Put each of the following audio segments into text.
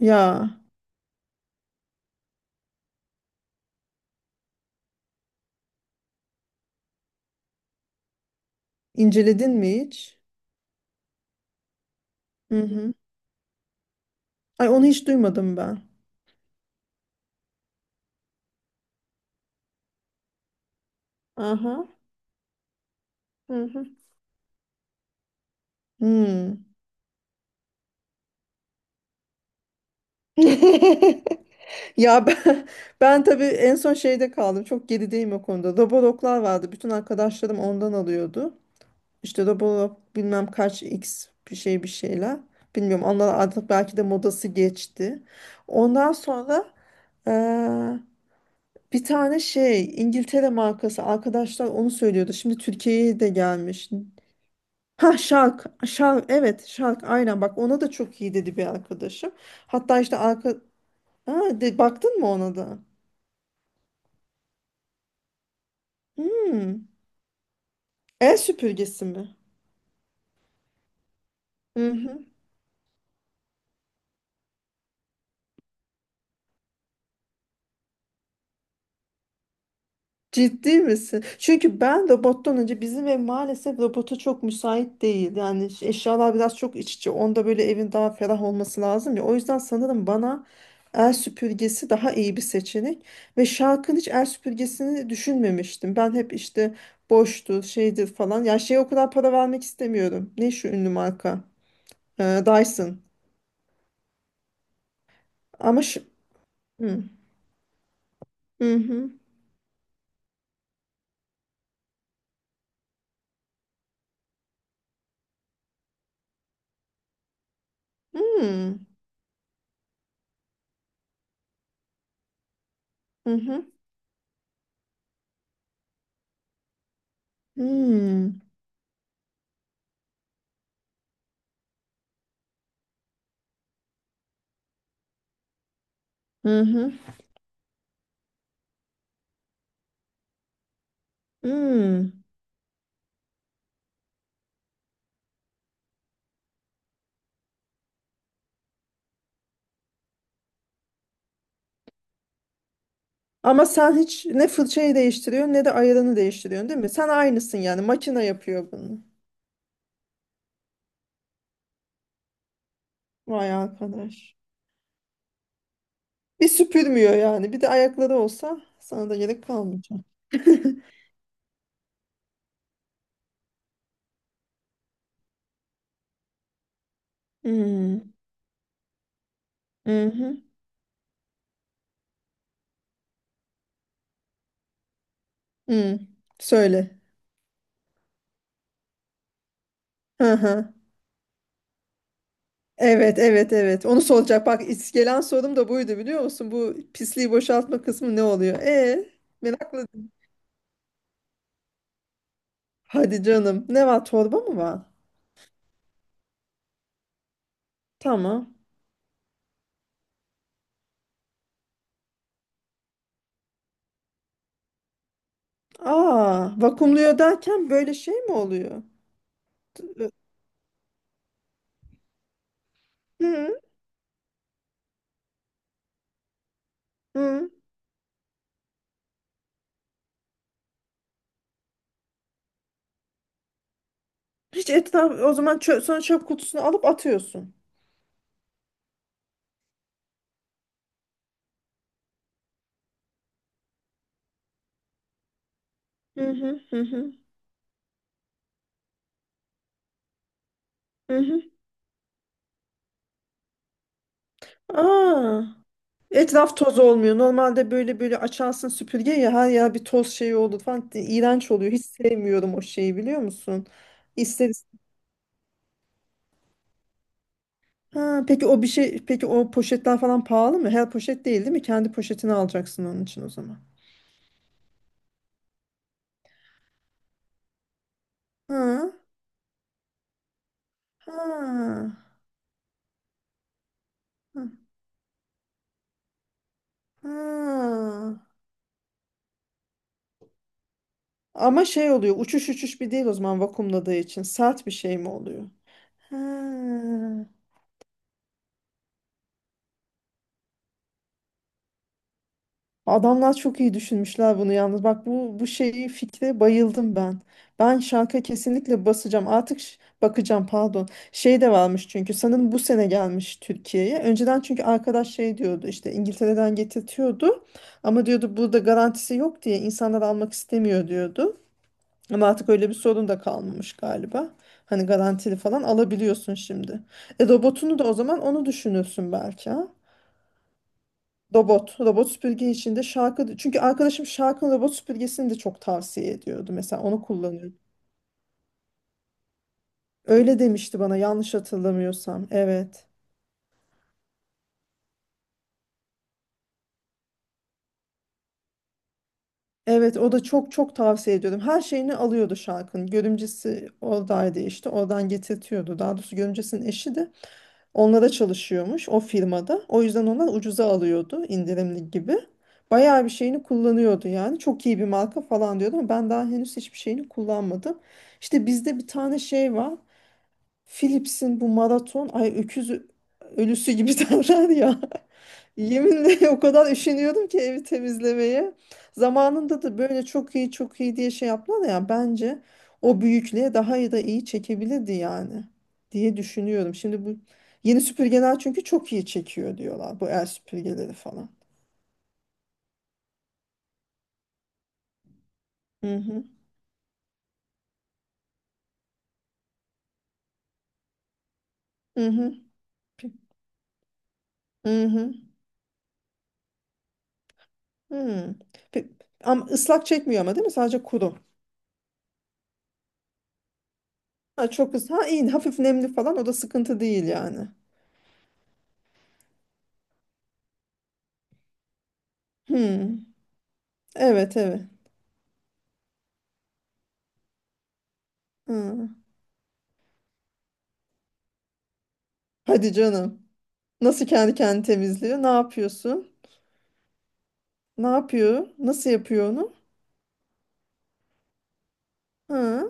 Ya inceledin mi hiç? Hı hı. Ay onu hiç duymadım ben. Aha. Hı hı. Hmm. Ya ben, ben tabii en son şeyde kaldım. Çok gerideyim o konuda. Roborocklar vardı. Bütün arkadaşlarım ondan alıyordu. İşte Roborob bilmem kaç X bir şey bir şeyler. Bilmiyorum onlar artık belki de modası geçti. Ondan sonra eee, bir tane şey İngiltere markası arkadaşlar onu söylüyordu. Şimdi Türkiye'ye de gelmiş. Ha Shark, Shark evet Shark aynen bak ona da çok iyi dedi bir arkadaşım. Hatta işte arka ha, de, baktın mı ona da? Hmm. El süpürgesi mi? Hı. Ciddi misin? Çünkü ben robottan önce bizim ev maalesef robota çok müsait değil. Yani ş- eşyalar biraz çok iç içe. Onda böyle evin daha ferah olması lazım ya. O yüzden sanırım bana el süpürgesi daha iyi bir seçenek. Ve Shark'ın hiç el süpürgesini düşünmemiştim. Ben hep işte boştur, şeydir falan. Ya şeye o kadar para vermek istemiyorum. Ne şu ünlü marka? Dyson. Ama şu... Hı hı. Hı hı. Hı hı. Hı hı. Hı hı. Hı. Ama sen hiç ne fırçayı değiştiriyorsun ne de ayarını değiştiriyorsun değil mi? Sen aynısın yani. Makine yapıyor bunu. Vay arkadaş. Bir süpürmüyor yani. Bir de ayakları olsa sana da gerek kalmayacak. Hmm. Mhm, hmm. Söyle. Hı hı. Evet, evet, evet. Onu soracak. Bak is- gelen sorum da buydu biliyor musun? Bu pisliği boşaltma kısmı ne oluyor? Merakla. Hadi canım. Ne var? Torba mı var? Tamam. Aa, vakumluyor derken böyle şey mi oluyor? Hı hı. Hiç etraf o zaman çö sonra çöp kutusunu alıp atıyorsun. Hı hı hı hı. Hı hı. Aa, etraf toz olmuyor. Normalde böyle böyle açarsın süpürge ya her yer bir toz şeyi olur falan. İğrenç oluyor. Hiç sevmiyorum o şeyi biliyor musun? İster is- Ha, peki o bir şey peki o poşetler falan pahalı mı? Her poşet değil değil mi? Kendi poşetini alacaksın onun için o zaman. Ha, ha, ha. Ha. Ama şey oluyor uçuş uçuş bir değil o zaman vakumladığı için sert bir şey mi oluyor? Ha. Adamlar çok iyi düşünmüşler bunu yalnız. Bak bu şeyi fikre bayıldım ben. Ben şarka kesinlikle basacağım. Artık ş- bakacağım pardon. Şey de varmış çünkü sanırım bu sene gelmiş Türkiye'ye. Önceden çünkü arkadaş şey diyordu işte İngiltere'den getirtiyordu. Ama diyordu burada garantisi yok diye insanlar almak istemiyor diyordu. Ama artık öyle bir sorun da kalmamış galiba. Hani garantili falan alabiliyorsun şimdi. E robotunu da o zaman onu düşünürsün belki ha. Robot, robot süpürge içinde şarkı. Çünkü arkadaşım şarkının robot süpürgesini de çok tavsiye ediyordu. Mesela onu kullanıyor. Öyle demişti bana yanlış hatırlamıyorsam. Evet. Evet o da çok çok tavsiye ediyordum. Her şeyini alıyordu şarkının. Görümcesi oradaydı işte. Oradan getirtiyordu. Daha doğrusu görümcesinin eşi de. Onlara çalışıyormuş o firmada. O yüzden onlar ucuza alıyordu indirimli gibi. Bayağı bir şeyini kullanıyordu yani. Çok iyi bir marka falan diyordu ama ben daha henüz hiçbir şeyini kullanmadım. İşte bizde bir tane şey var. Philips'in bu maraton ay öküz ölüsü gibi derler ya. Yeminle o kadar üşeniyordum ki evi temizlemeye. Zamanında da böyle çok iyi çok iyi diye şey yaptılar ya bence o büyüklüğe daha iyi da iyi çekebilirdi yani diye düşünüyorum. Şimdi bu yeni süpürgeler çünkü çok iyi çekiyor diyorlar bu el süpürgeleri falan. Hı hı. Hı hı. Hı hı. Hı. Pe- Ama ıslak çekmiyor ama değil mi? Sadece kuru. Ha, çok ıslak. Ha iyi hafif nemli falan o da sıkıntı değil yani. Hı. Evet evet. Hı. Hadi canım. Nasıl kendi kendini temizliyor? Ne yapıyorsun? Ne yapıyor? Nasıl yapıyor onu? Ha.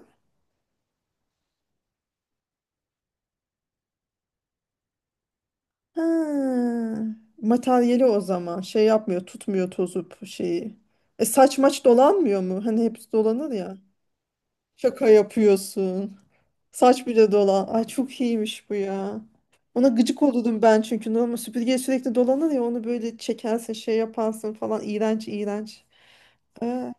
Ha. Materyali o zaman. Şey yapmıyor, tutmuyor tozup şeyi. E saç maç dolanmıyor mu? Hani hepsi dolanır ya. Şaka yapıyorsun. Saç bile dolan. Ay çok iyiymiş bu ya. Ona gıcık olurdum ben çünkü normal süpürge sürekli dolanır ya onu böyle çekersin şey yaparsın falan iğrenç iğrenç. Ee,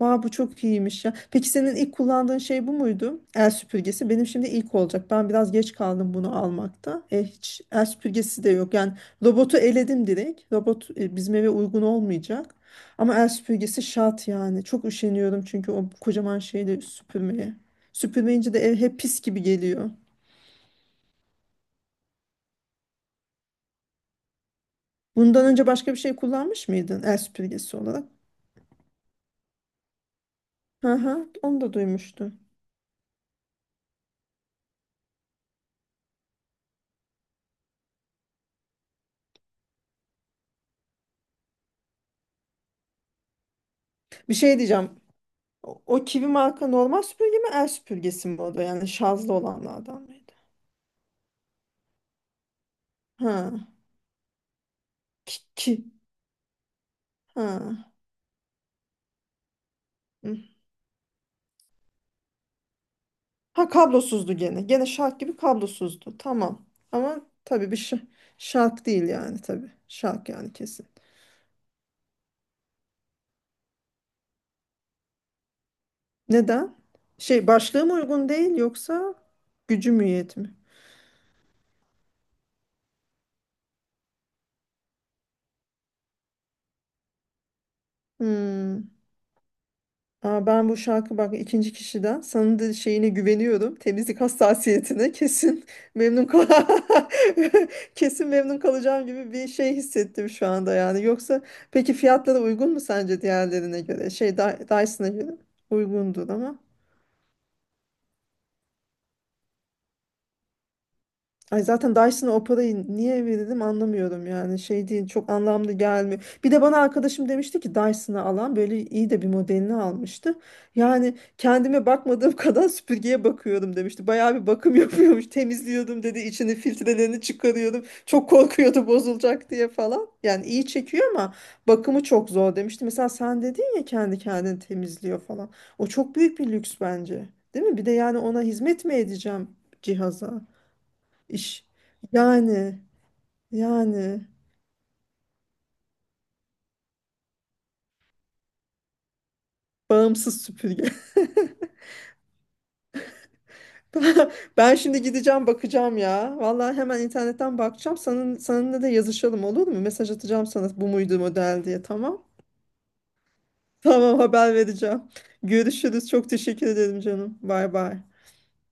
Aa, bu çok iyiymiş ya. Peki senin ilk kullandığın şey bu muydu? El süpürgesi. Benim şimdi ilk olacak. Ben biraz geç kaldım bunu almakta. E, hiç el süpürgesi de yok. Yani robotu eledim direkt. Robot e, bizim eve uygun olmayacak. Ama el süpürgesi şart yani. Çok üşeniyorum çünkü o kocaman şeyle süpürmeye. Süpürmeyince de ev hep pis gibi geliyor. Bundan önce başka bir şey kullanmış mıydın el süpürgesi olarak? Hı hı, onu da duymuştum. Bir şey diyeceğim. O kivi marka normal süpürge mi el süpürgesi mi o da yani şarjlı olanlardan mıydı? Ha. Ki, ki. Ha. Hı. Ha kablosuzdu gene. Gene şark gibi kablosuzdu. Tamam. Ama tabii bir şa- şark değil yani tabii. Şark yani kesin. Neden? Şey başlığı mı uygun değil yoksa gücü mü yetmiyor? Hmm. Aa, ben bu şarkı bak ikinci kişiden sana da şeyine güveniyorum. Temizlik hassasiyetine kesin memnun kal kesin memnun kalacağım gibi bir şey hissettim şu anda yani. Yoksa peki fiyatları uygun mu sence diğerlerine göre? Şey Dy- Dyson'a göre uygundur ama. Ay zaten Dyson'a o parayı niye verelim anlamıyorum yani şey değil çok anlamlı gelmiyor. Bir de bana arkadaşım demişti ki Dyson'ı alan böyle iyi de bir modelini almıştı. Yani kendime bakmadığım kadar süpürgeye bakıyordum demişti. Bayağı bir bakım yapıyormuş temizliyordum dedi içini filtrelerini çıkarıyordum. Çok korkuyordu bozulacak diye falan. Yani iyi çekiyor ama bakımı çok zor demişti. Mesela sen dedin ya kendi kendini temizliyor falan. O çok büyük bir lüks bence. Değil mi? Bir de yani ona hizmet mi edeceğim cihaza? İş. Yani, yani bağımsız süpürge. Ben şimdi gideceğim bakacağım ya. Vallahi hemen internetten bakacağım. Senin, seninle de yazışalım olur mu? Mesaj atacağım sana bu muydu model diye tamam. Tamam haber vereceğim. Görüşürüz. Çok teşekkür ederim canım. Bay bay.